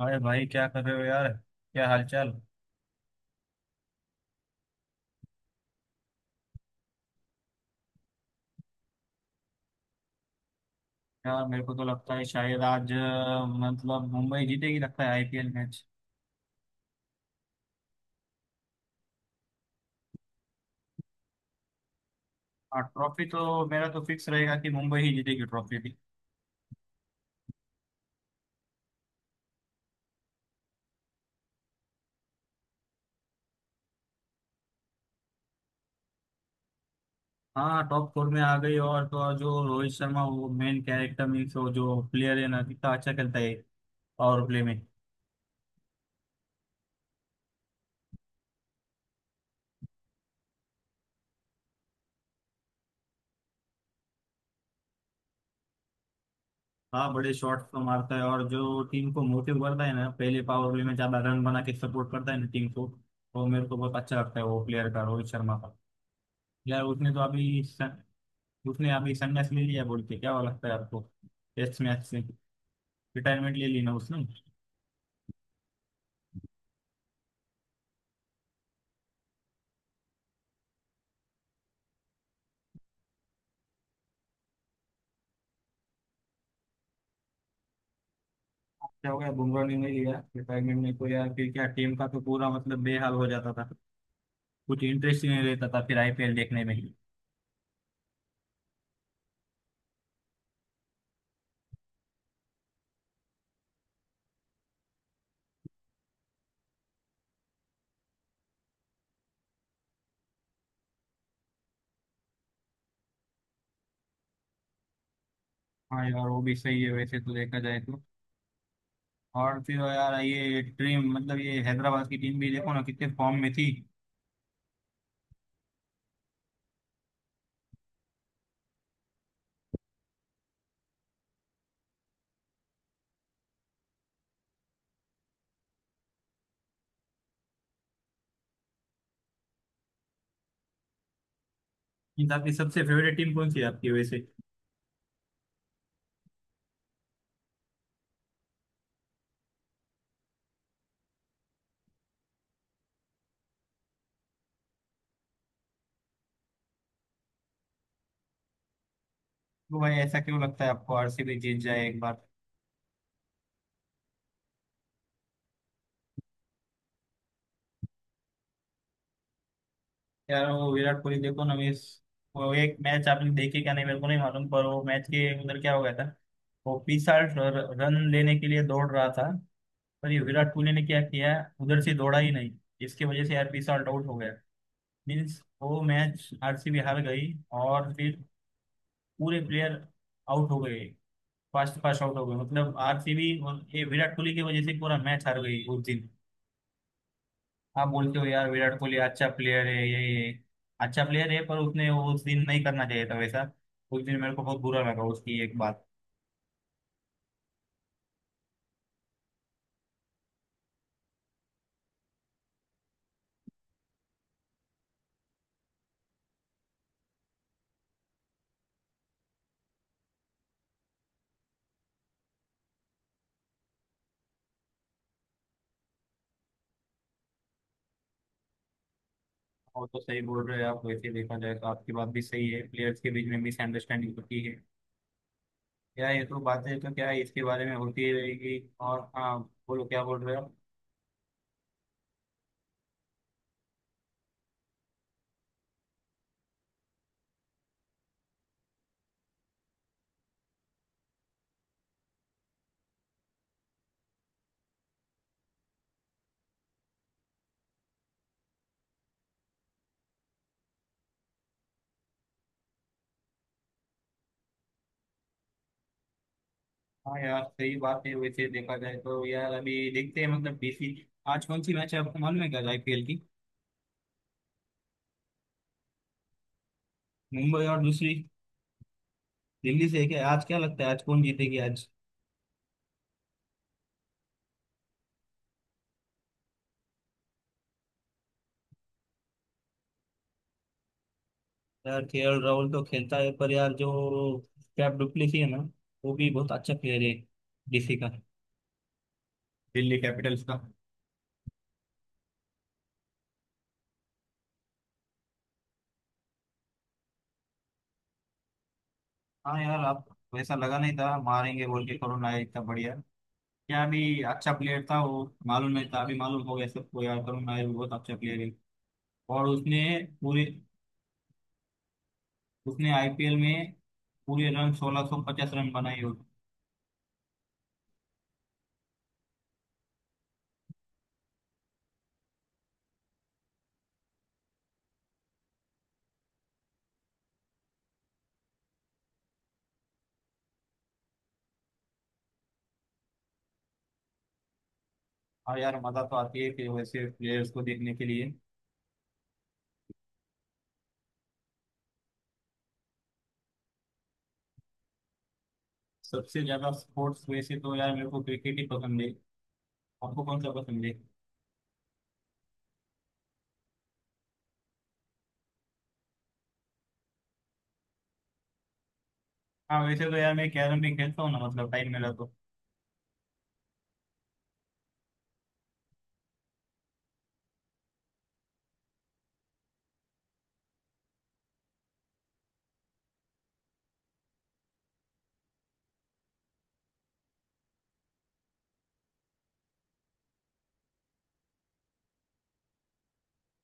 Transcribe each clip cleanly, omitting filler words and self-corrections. अरे भाई क्या कर रहे हो यार। क्या हालचाल। यार मेरे को तो लगता है शायद आज मतलब मुंबई जीतेगी लगता है आईपीएल मैच। हाँ ट्रॉफी तो मेरा तो फिक्स रहेगा कि मुंबई ही जीतेगी ट्रॉफी भी। हाँ टॉप फोर में आ गई और तो और जो रोहित शर्मा वो मेन कैरेक्टर मीन्स वो जो प्लेयर है ना कितना अच्छा खेलता है पावर प्ले में। हाँ बड़े शॉट्स तो मारता है और जो टीम को मोटिव करता है ना पहले पावर प्ले में ज्यादा रन बना के सपोर्ट करता है ना टीम को। वो मेरे को बहुत अच्छा लगता है वो प्लेयर का रोहित शर्मा का। यार उसने अभी संन्यास ले लिया बोल के क्या हुआ लगता है आपको टेस्ट मैच से? रिटायरमेंट ले ली ना उसने। क्या हो गया बुमराह ने नहीं लिया रिटायरमेंट में तो यार फिर क्या टीम का तो पूरा मतलब बेहाल हो जाता था। कुछ इंटरेस्ट ही नहीं रहता था फिर आईपीएल देखने में ही। हाँ यार वो भी सही है वैसे तो देखा जाए तो। और फिर यार ये टीम मतलब ये हैदराबाद की टीम भी देखो ना कितने फॉर्म में थी। इन सबकी सबसे फेवरेट टीम कौन सी है आपकी वैसे? तो भाई ऐसा क्यों लगता है आपको आरसीबी जीत जाए एक बार? यार वो विराट कोहली देखो ना मिस। वो एक मैच आपने देखी क्या? नहीं मेरे को नहीं मालूम पर वो मैच के अंदर क्या हो गया था। वो बीसाठ रन लेने के लिए दौड़ रहा था पर ये विराट कोहली ने क्या किया? उधर से दौड़ा ही नहीं। इसकी वजह से यार बीस आउट हो गया। मीन्स वो मैच आरसीबी हार गई। और फिर पूरे प्लेयर आउट हो गए। फास्ट फास्ट आउट हो गए मतलब आरसीबी और ये विराट कोहली की वजह से पूरा मैच हार गई उस दिन। आप बोलते हो यार विराट कोहली अच्छा प्लेयर है ये अच्छा प्लेयर है पर उसने उस दिन नहीं करना चाहिए था वैसा। उस दिन मेरे को बहुत बुरा लगा उसकी एक बात। और तो सही बोल रहे हैं आप वैसे देखा जाए तो आपकी बात भी सही है प्लेयर्स के बीच में मिसअंडरस्टैंडिंग होती है। क्या ये तो बातें तो क्या है इसके बारे में होती ही रहेगी। और हाँ बोलो क्या बोल रहे हो आप? हाँ यार सही बात है वैसे देखा जाए तो यार अभी देखते हैं मतलब बीसी। आज कौन सी मैच है आपको मालूम है क्या आईपीएल की? मुंबई और दूसरी दिल्ली से है क्या आज? क्या लगता है आज कौन जीतेगी आज? यार केएल राहुल तो खेलता है पर यार जो कैप डुप्लेसी है ना वो भी बहुत अच्छा प्लेयर है डीसी का, दिल्ली कैपिटल्स का। हाँ यार। आप वैसा लगा नहीं था मारेंगे बोल के करुण नायर इतना बढ़िया। क्या अभी अच्छा प्लेयर था वो मालूम नहीं था अभी मालूम हो गया सबको यार करुण नायर भी बहुत अच्छा प्लेयर है। और पूरे उसने आईपीएल में पूरे रन 1650 रन बनाए हो। और यार मजा तो आती है कि वैसे प्लेयर्स को देखने के लिए। सबसे ज्यादा स्पोर्ट्स वैसे तो यार मेरे को क्रिकेट ही पसंद है। आपको कौन सा पसंद है? हाँ वैसे तो यार मैं कैरम भी खेलता हूँ ना मतलब टाइम मिला तो।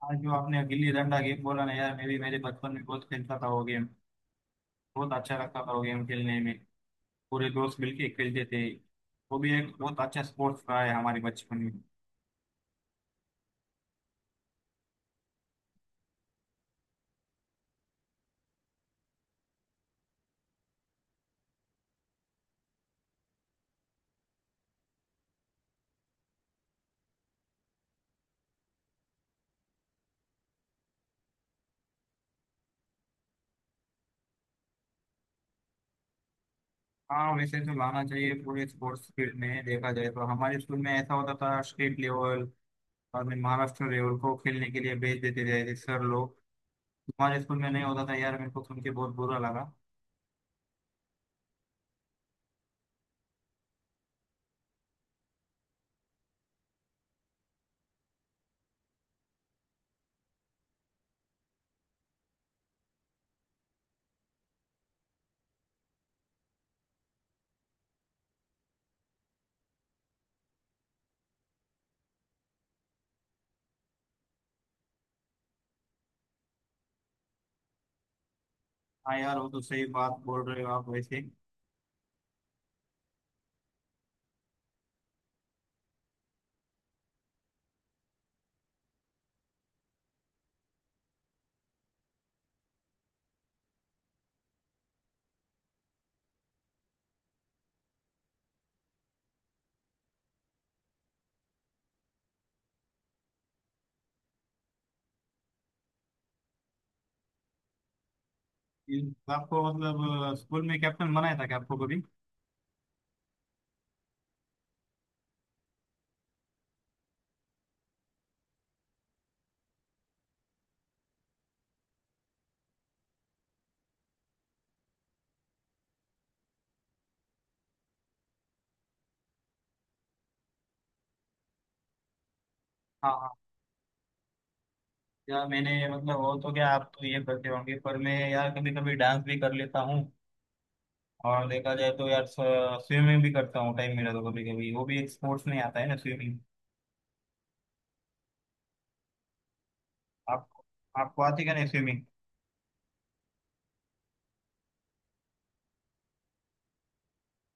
आज जो आपने गिल्ली डंडा गेम बोला ना यार मैं भी मेरे बचपन में बहुत खेलता था वो गेम। बहुत अच्छा लगता था वो गेम खेलने में। पूरे दोस्त मिलके खेलते थे। वो भी एक बहुत अच्छा स्पोर्ट्स रहा है हमारे बचपन में। हाँ वैसे तो लाना चाहिए पूरे स्पोर्ट्स फील्ड में देखा जाए तो हमारे स्कूल में ऐसा होता था स्टेट लेवल और मैं महाराष्ट्र लेवल को खेलने के लिए भेज देते थे सर लोग। हमारे स्कूल में नहीं होता था यार मेरे को सुन के बहुत बुरा लगा। हाँ यार वो तो सही बात बोल रहे हो आप वैसे। ये आपको स्कूल में कैप्टन बनाया था क्या आपको कभी? हाँ हाँ। यार मैंने मतलब हो तो क्या आप तो ये करते होंगे पर मैं यार कभी कभी डांस भी कर लेता हूँ। और देखा जाए तो यार स्विमिंग भी करता हूँ टाइम मिला तो कभी कभी। वो भी एक स्पोर्ट्स में आता है ना स्विमिंग। आप आपको आती क्या नहीं स्विमिंग?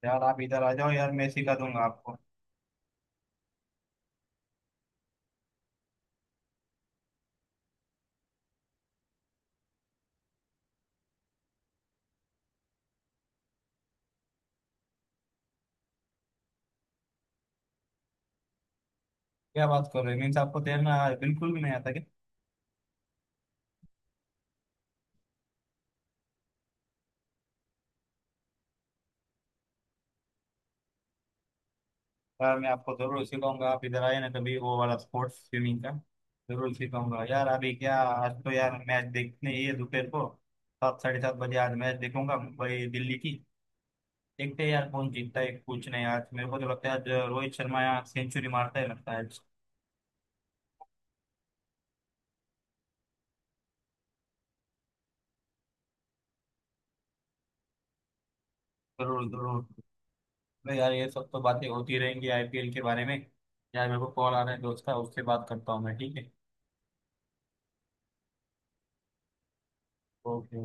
यार आप इधर आ जाओ यार मैं सिखा दूंगा आपको। क्या बात कर रहे हो मीन्स आपको तैरना बिल्कुल भी नहीं आता क्या? यार मैं आपको जरूर सिखाऊंगा आप इधर आए ना कभी वो वाला स्पोर्ट्स स्विमिंग का। जरूर सिखाऊंगा यार। अभी क्या आज तो यार मैच देखने ही है दोपहर को। सात साढ़े सात बजे आज मैच देखूंगा मुंबई दिल्ली की। देखते हैं यार कौन जीतता है कुछ नहीं। आज मेरे को तो लगता है आज रोहित शर्मा यहाँ सेंचुरी मारता है लगता है आज। जरूर जरूर। तो यार ये सब तो बातें होती रहेंगी आईपीएल के बारे में। यार मेरे को कॉल आ रहा है दोस्त का उससे बात करता हूँ मैं ठीक है। ओके।